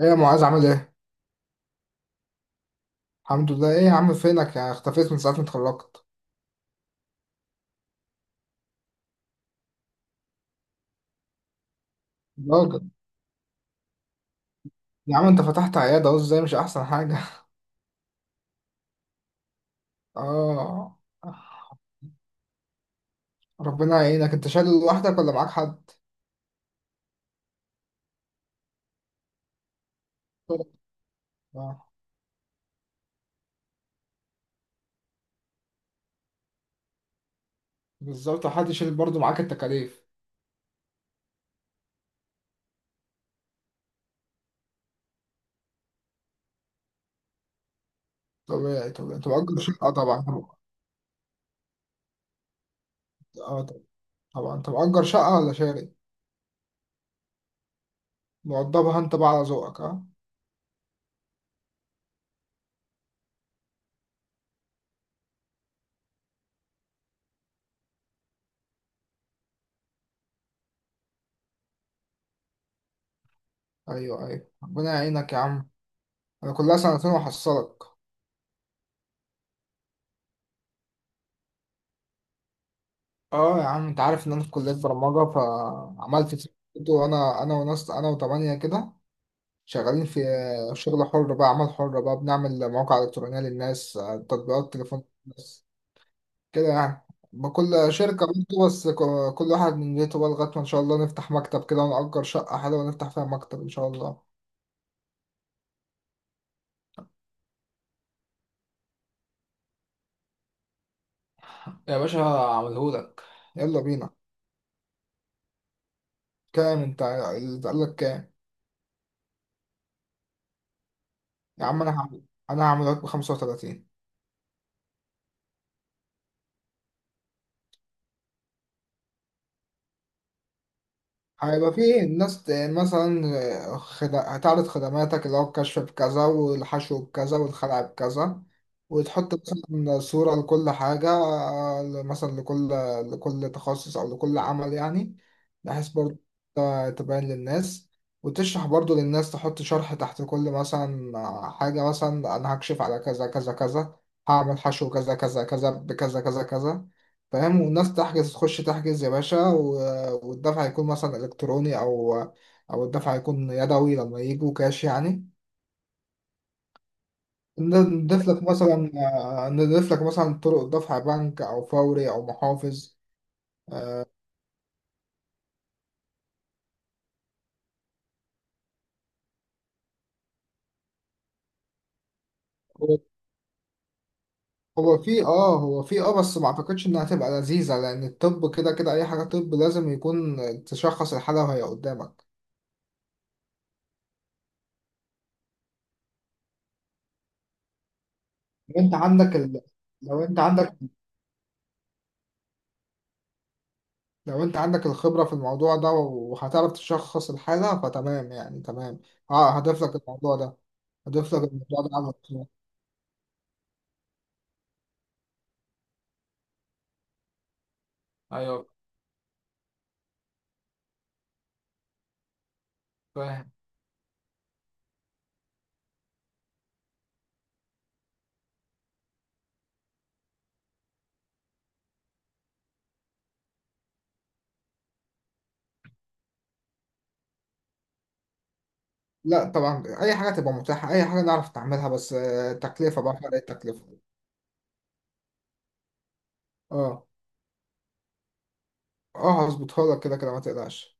ايه يا معاذ عامل ايه؟ الحمد لله. ايه يا عم، فينك يا، اختفيت من ساعة ما اتخرجت. راجل. يا عم انت فتحت عيادة اهو، ازاي مش احسن حاجة؟ اه. ربنا يعينك، انت شايل لوحدك ولا معاك حد؟ اه، بالظبط، حد يشيل برضه معاك التكاليف. طبيعي طبيعي، انت مأجر شقة طبعا. اه، طبعا. طبعا انت مأجر شقة ولا شاري؟ موضبها انت بقى على ذوقك، اه. ايوه ايوه، ربنا يعينك يا عم. انا كلها سنتين وحصلك. اه يا عم، انت عارف ان انا في كلية برمجة، فعملت تيم. وانا انا وناس انا وتمانية كده، شغالين في شغل حر بقى، عمل حر بقى، بنعمل مواقع إلكترونية للناس، تطبيقات تليفون للناس، كده يعني. كل شركة بنته بس، كل واحد من بيته بقى، لغاية ما ان شاء الله نفتح مكتب كده ونأجر شقة حلوة ونفتح فيها مكتب ان شاء الله. يا باشا هعملهولك. يلا بينا. كام، انت اللي قال لك كام؟ يا عم انا هعمل، انا هعمله لك ب 35. هيبقى فيه الناس مثلا، هتعرض خدماتك اللي هو الكشف بكذا والحشو بكذا والخلع بكذا. وتحط مثلا صورة لكل حاجة، مثلا لكل، لكل تخصص أو لكل عمل يعني. بحيث برضه تبين للناس، وتشرح برضه للناس، تحط شرح تحت كل مثلا حاجة. مثلا أنا هكشف على كذا كذا كذا، هعمل حشو كذا كذا كذا بكذا كذا كذا، فاهم؟ والناس تحجز، تخش تحجز يا باشا، والدفع هيكون مثلا إلكتروني، أو أو الدفع هيكون يدوي لما يجوا كاش يعني. ن- نضيف لك مثلا، نضيف لك مثلا طرق دفع بنك أو فوري أو محافظ. هو هو في اه بس ما اعتقدش انها هتبقى لذيذة، لان الطب كده كده اي حاجة طب لازم يكون تشخص الحالة وهي قدامك. لو انت عندك ال... لو انت عندك، لو انت عندك الخبرة في الموضوع ده وهتعرف تشخص الحالة، فتمام يعني، تمام. اه هضيف لك الموضوع ده، هضيف لك الموضوع ده على الوصول. ايوه. فاهم. لا طبعا، اي حاجة تبقى متاحة، اي حاجة نعرف نعملها، بس تكلفة بقى، فرق التكلفة. اه. اه هظبطها لك كده كده ما تقلقش.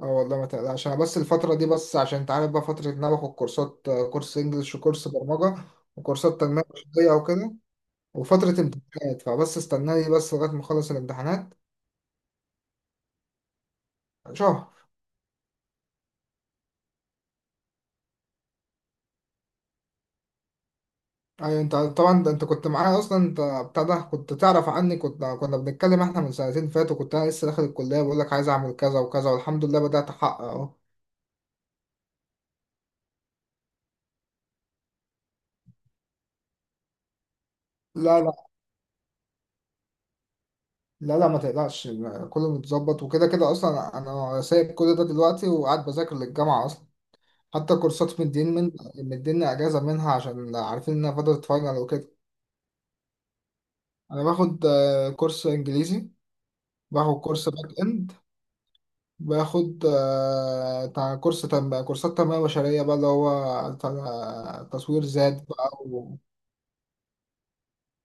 اه والله ما تقلقش، انا بس الفترة دي بس عشان انت عارف بقى، فترة ان انا باخد كورسات، كورس انجلش وكورس برمجة وكورسات تنمية بشرية وكده، وفترة امتحانات، فبس استناني بس لغاية ما اخلص الامتحانات. شهر. ايوه انت طبعا، ده انت كنت معايا اصلا، انت بتاع ده، كنت تعرف عني، كنت، كنا بنتكلم احنا من سنتين فاتوا، كنت انا لسه داخل الكليه بقول لك عايز اعمل كذا وكذا، والحمد لله بدات احقق اهو. لا لا. لا لا، ما تقلقش. كله متظبط، وكده كده اصلا انا سايب كل ده دلوقتي وقاعد بذاكر للجامعه اصلا. حتى كورسات مدين من، مديني اجازه منها عشان عارفين انها فتره فاينل وكده. انا باخد كورس انجليزي، باخد كورس باك اند، باخد بتاع كورس تنمية بقى، كورسات تنمية بشرية بقى اللي هو بتاع تصوير ذات بقى.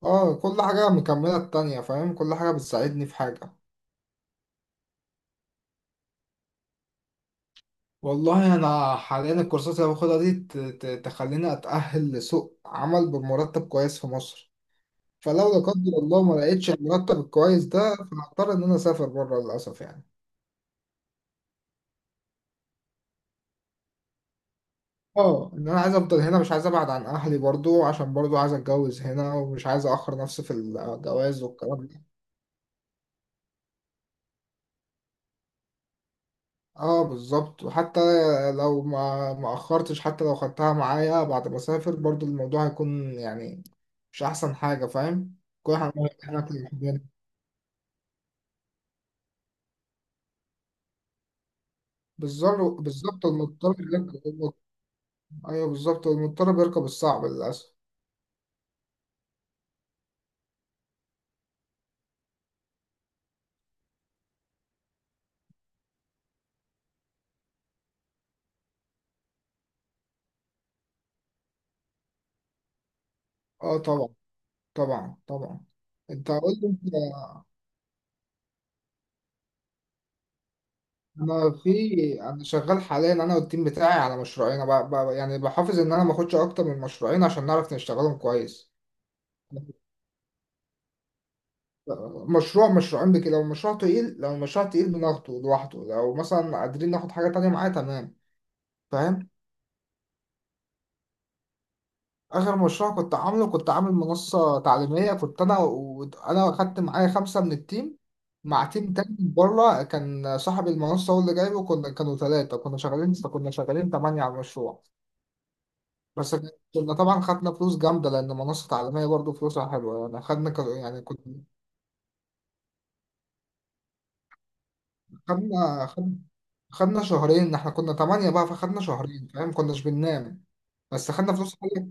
اه كل حاجة مكملة التانية، فاهم؟ كل حاجة بتساعدني في حاجة. والله أنا حاليا الكورسات اللي باخدها دي تخليني أتأهل لسوق عمل بمرتب كويس في مصر. فلو لا قدر الله ما لقيتش المرتب الكويس ده، فهضطر إن أنا أسافر بره للأسف يعني. اه ان انا عايز افضل هنا، مش عايز ابعد عن اهلي برضو، عشان برضو عايز اتجوز هنا، ومش عايز اخر نفسي في الجواز والكلام. اه بالظبط، وحتى لو ما اخرتش، حتى لو خدتها معايا بعد ما اسافر، برضو الموضوع هيكون يعني مش احسن حاجه، فاهم؟ كل حاجه، احنا، بالظبط بالظبط، المضطر بيركب. ايوه بالظبط، المضطر بيركب الصعب للاسف. اه طبعا. طبعا طبعا. انت قول لي انت. انا في، انا شغال حاليا انا والتيم بتاعي على مشروعين. يعني بحافظ ان انا ما اخدش اكتر من مشروعين عشان نعرف نشتغلهم كويس. مشروع مش عندك، لو المشروع تقيل، لو المشروع تقيل بناخده لوحده، لو مثلا قادرين ناخد حاجة تانية معاه تمام. فاهم. آخر مشروع كنت عامله، كنت عامل منصة تعليمية. كنت أنا، وأنا أخدت معايا خمسة من التيم مع تيم تاني من بره، كان صاحب المنصة هو اللي جايبه، كنا كانوا ثلاثة، كنا شغالين تمانية على المشروع. بس كنا طبعا خدنا فلوس جامدة، لأن منصة تعليمية برضه فلوسها حلوة يعني. خدنا يعني كنا، خدنا خد- خدنا شهرين. احنا كنا تمانية بقى، فخدنا شهرين، فاهم؟ كناش بننام، بس خدنا فلوس حاجة.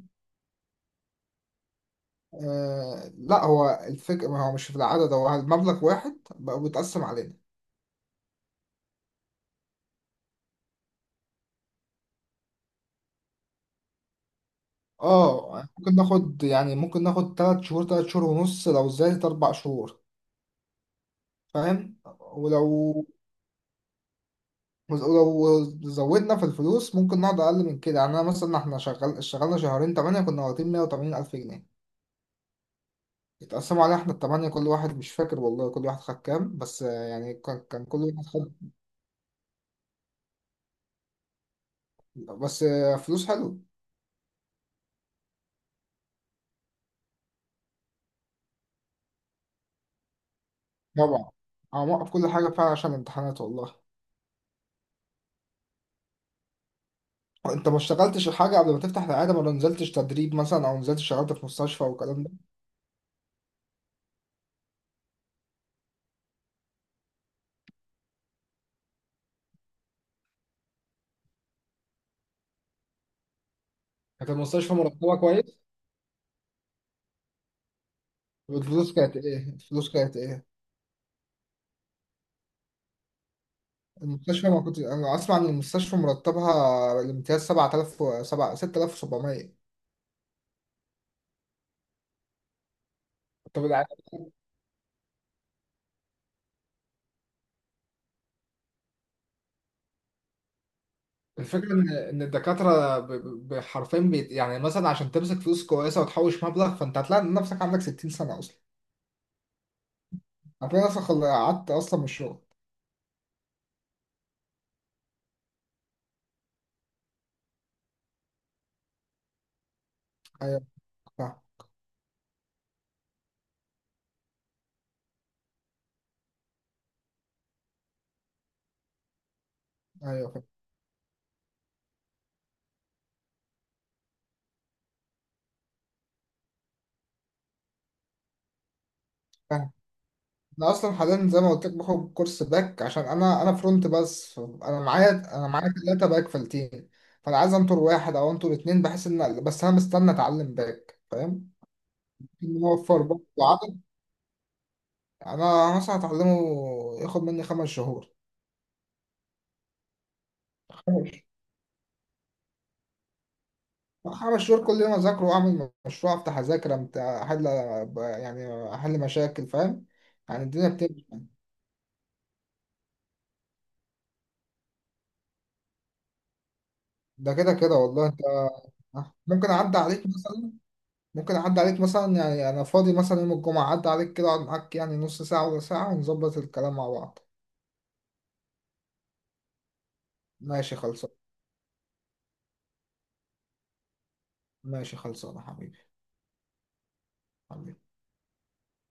آه لا، هو الفكرة، ما هو مش في العدد، هو المبلغ واحد بقى بيتقسم علينا. اه ممكن ناخد، تلات شهور، تلات شهور ونص، لو زادت أربع شهور. فاهم. ولو زودنا في الفلوس ممكن نقعد أقل من كده يعني. أنا مثلا، احنا شغال، اشتغلنا شهرين تمانية، كنا واخدين 180 ألف جنيه. اتقسموا علينا احنا التمانية، كل واحد مش فاكر والله كل واحد خد كام، بس يعني كان كل واحد خد، بس فلوس حلو. طبعا. انا موقف كل حاجة فعلا عشان الامتحانات والله. انت ما اشتغلتش حاجة قبل ما تفتح العيادة؟ ما نزلتش تدريب مثلا، او نزلت اشتغلت في مستشفى والكلام ده؟ كانت المستشفى مرتبة كويس، والفلوس كانت ايه، الفلوس كانت ايه؟ المستشفى، ما كنت انا اسمع ان المستشفى مرتبها الامتياز 7000 6700. طب العيادة؟ الفكرة إن إن الدكاترة حرفيا بيت يعني، مثلا عشان تمسك فلوس كويسة وتحوش مبلغ، فأنت هتلاقي إن نفسك عندك 60 سنة أصلا. هتلاقي نفسك قعدت أصلا من الشغل. أيوه فاهم أيوه فاهم فاهم. أنا أصلا حاليا زي ما قلت لك باخد كورس باك، عشان أنا، أنا فرونت بس أنا معايا، أنا معايا تلاتة باك في التيم. فأنا عايز أنطر واحد أو أنطر اتنين، بحيث إن، بس أنا مستني أتعلم باك، فاهم؟ إن هو أوفر برضه عدد. أنا مثلا هتعلمه، ياخد مني خمس شهور. خمس شهور كل يوم أذاكر وأعمل مشروع، أفتح أذاكر، أحل، يعني أحل مشاكل، فاهم؟ يعني الدنيا بتمشي. ده كده كده والله أنت. آه. ممكن أعدي عليك مثلا، ممكن أعدي عليك مثلا، يعني أنا فاضي مثلا يوم الجمعة، أعدي عليك كده أقعد معاك يعني نص ساعة ولا ساعة، ونظبط الكلام مع بعض. ماشي خلصان. ماشي خلصان يا حبيبي. حبيبي.